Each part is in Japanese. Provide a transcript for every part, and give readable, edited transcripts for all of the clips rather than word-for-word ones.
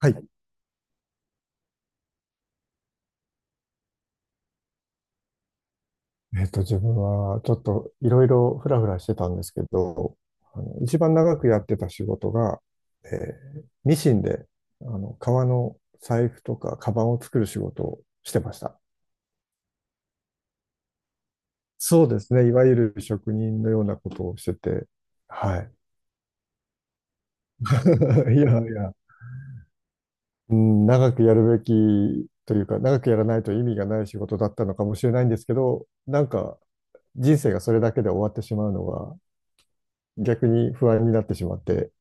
はい。自分はちょっといろいろフラフラしてたんですけど、一番長くやってた仕事が、えミシンで、革の財布とかカバンを作る仕事をしてました。そうですね。いわゆる職人のようなことをしてて、はい。いやいや、うん、長くやるべきというか、長くやらないと意味がない仕事だったのかもしれないんですけど、なんか人生がそれだけで終わってしまうのが逆に不安になってしまって、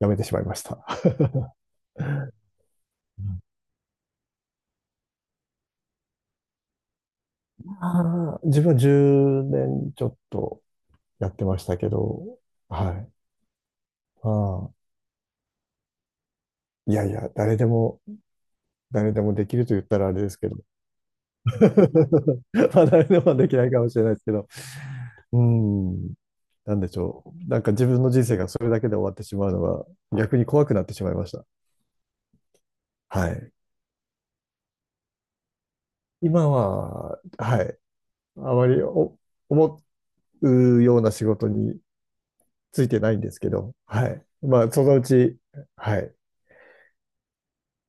やめてしまいました。自分は10年ちょっとやってましたけど、はい。まあ、いやいや、誰でもできると言ったらあれですけど。まあ、誰でもはできないかもしれないですけど。うん。なんでしょう。なんか自分の人生がそれだけで終わってしまうのは逆に怖くなってしまいました。はい。今は、はい。あまり思うような仕事についてないんですけど、はい。まあ、そのうち、はい。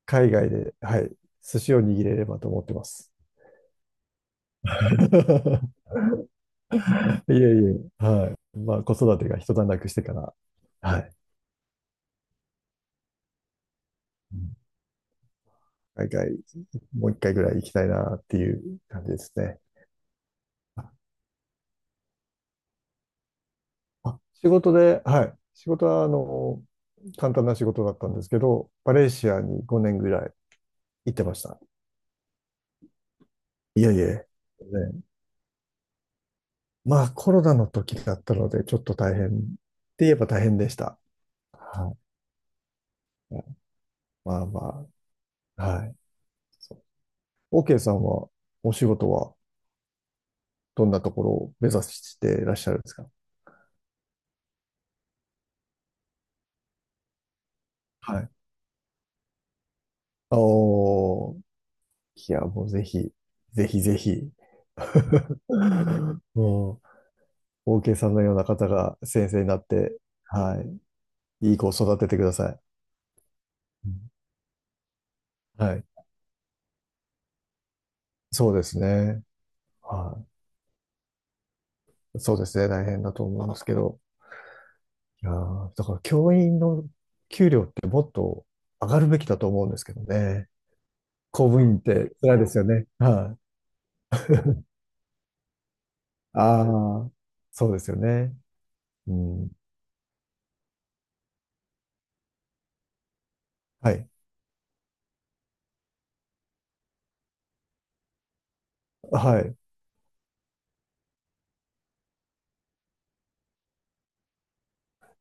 海外で、はい、寿司を握れればと思ってます。いえいえ、はい。まあ、子育てが一段落してから、はい。うん、海外、もう一回ぐらい行きたいなっていう感じですね。あ、仕事で、はい。仕事は、簡単な仕事だったんですけど、マレーシアに5年ぐらい行ってました。いえいえ。ね、まあ、コロナの時だったので、ちょっと大変って言えば大変でした。はい。まあまあ、はい。OK さんは、お仕事はどんなところを目指していらっしゃるんですか？はい。おー、いや、もうぜひ、ぜひぜひ、もう、OK さんのような方が先生になって、はい、いい子を育ててください。うん、はい。そうですね。はい。そうですね。大変だと思いますけど。いやーだから教員の給料ってもっと上がるべきだと思うんですけどね。公務員って辛いですよね。はい。ああ、そうですよね。うん。はい。はい。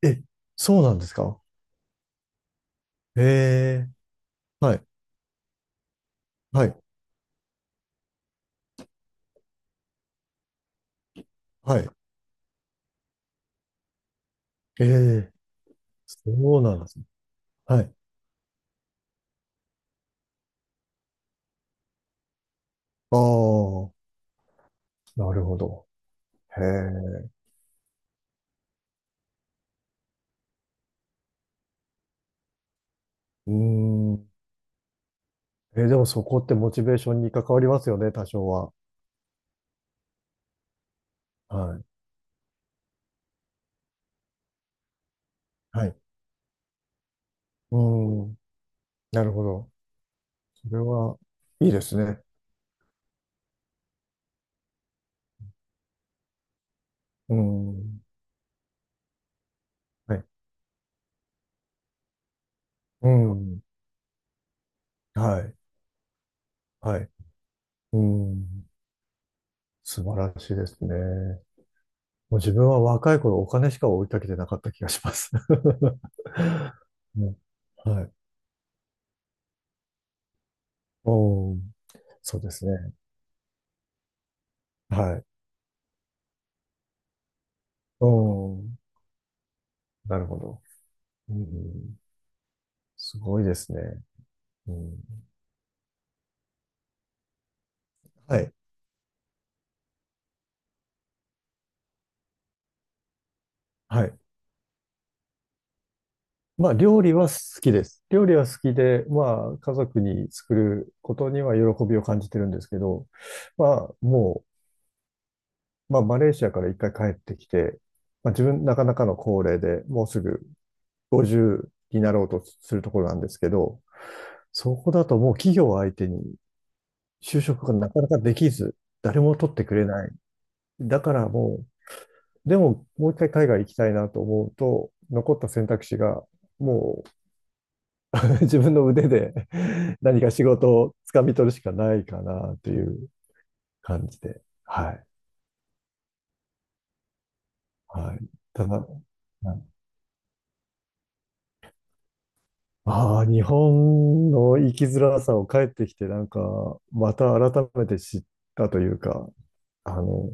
え、そうなんですか？へえ、はい。はい。はい。ええ、そうなんですね。はい。ああ、なるほど。へえ。うーん。え、でもそこってモチベーションに関わりますよね、多少は。はい。はい。うーん。なるほど。それは、いいですね。うーん。はい。うーん。はい。はい。うーん。素晴らしいですね。もう自分は若い頃お金しか追いかけてなかった気がします。うん、はい。うん。そうですね。はい。うん。なるほど。うん。すごいですね。うん。はい。はい。まあ、料理は好きです。料理は好きで、まあ、家族に作ることには喜びを感じてるんですけど、まあ、もう、まあ、マレーシアから一回帰ってきて、まあ、自分、なかなかの高齢で、もうすぐ50になろうとするところなんですけど、そこだともう企業を相手に就職がなかなかできず、誰も取ってくれない。だからもう、でももう一回海外行きたいなと思うと、残った選択肢がもう 自分の腕で 何か仕事を掴み取るしかないかなという感じで。はい。はい。ただ、うん、ああ、日本の生きづらさを帰ってきて、なんか、また改めて知ったというか、あの、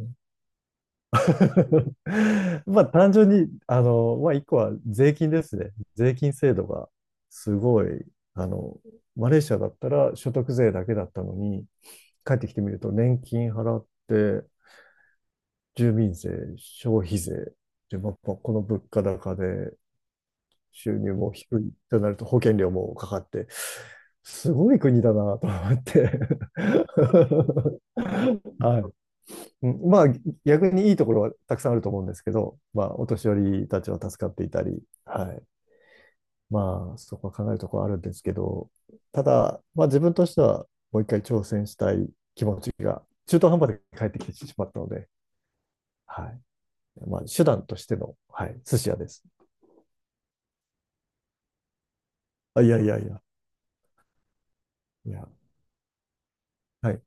まあ単純に、まあ一個は税金ですね。税金制度がすごい、あの、マレーシアだったら所得税だけだったのに、帰ってきてみると年金払って、住民税、消費税、で、まあ、この物価高で収入も低いとなると保険料もかかって、すごい国だなと思って はい。うん、まあ、逆にいいところはたくさんあると思うんですけど、まあ、お年寄りたちは助かっていたり、はい。まあ、そこは考えるところはあるんですけど、ただ、まあ、自分としてはもう一回挑戦したい。中途半端で帰ってきてしまったので、はい。まあ、手段としての、はい、寿司屋です。あ、いやいやいや、いや、はい。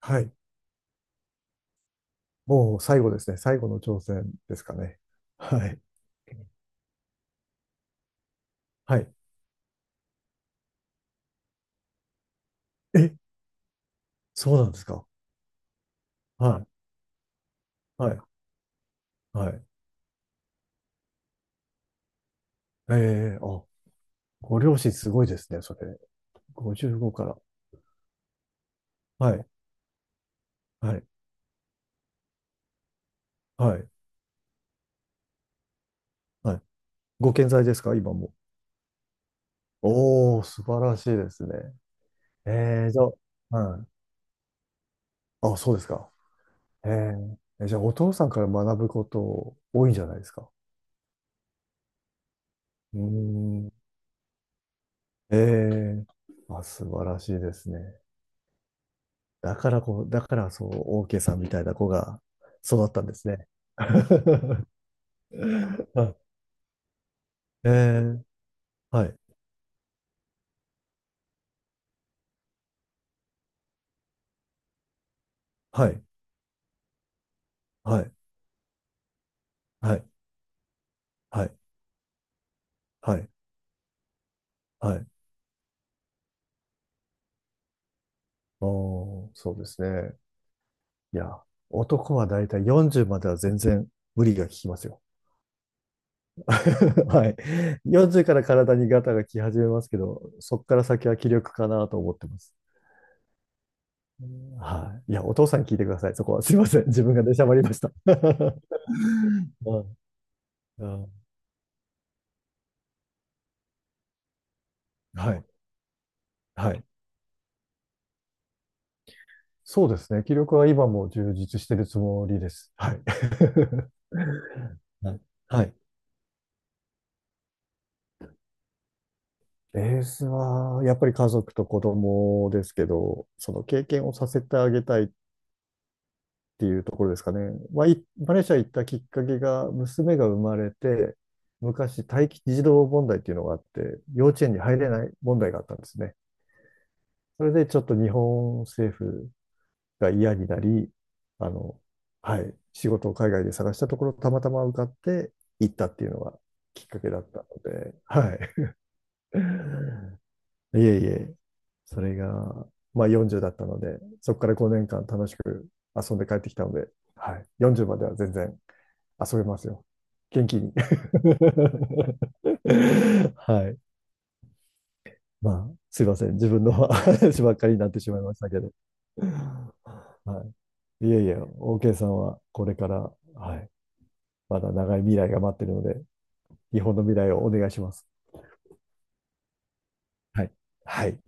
はい。もう最後ですね。最後の挑戦ですかね。はい。はい。え、そうなんですか。はい。はい。はい。ええ、あ、ご両親すごいですね、それ。55から。はい、はい、はい、はい。ご健在ですか、今も？おー、素晴らしいですね。えー、じゃあ、はい。あ、そうですか。えー、じゃあ、お父さんから学ぶこと多いんじゃないですか？うーん。えー、あ、素晴らしいですね。だからそう、オーケーさんみたいな子が育ったんですね。はい、えー、はい、はい、はい、はい、はい、はい、はい。おー、そうですね。いや、男はだいたい40までは全然無理が効きますよ。はい。40から体にガタが来始めますけど、そこから先は気力かなと思ってます。はい。いや、お父さんに聞いてください。そこは。すいません。自分が出しゃばりました。うんうん、はい。はい。そうですね。気力は今も充実してるつもりです。はい。はい。はい。ベースは、やっぱり家族と子供ですけど、その経験をさせてあげたいっていうところですかね。まあ、マレーシア行ったきっかけが、娘が生まれて、昔、待機児童問題っていうのがあって、幼稚園に入れない問題があったんですね。それでちょっと日本政府が嫌になり、あの、はい、仕事を海外で探したところ、たまたま受かって行ったっていうのがきっかけだったので、はい。いえいえ、それが、まあ40だったので、そこから5年間楽しく遊んで帰ってきたので、はい、40までは全然遊べますよ。元気に。はい。まあ、すいません。自分の 話ばっかりになってしまいましたけど。はい。いえいえ、OK さんはこれから、はい、まだ長い未来が待ってるので、日本の未来をお願いします。はい。はい。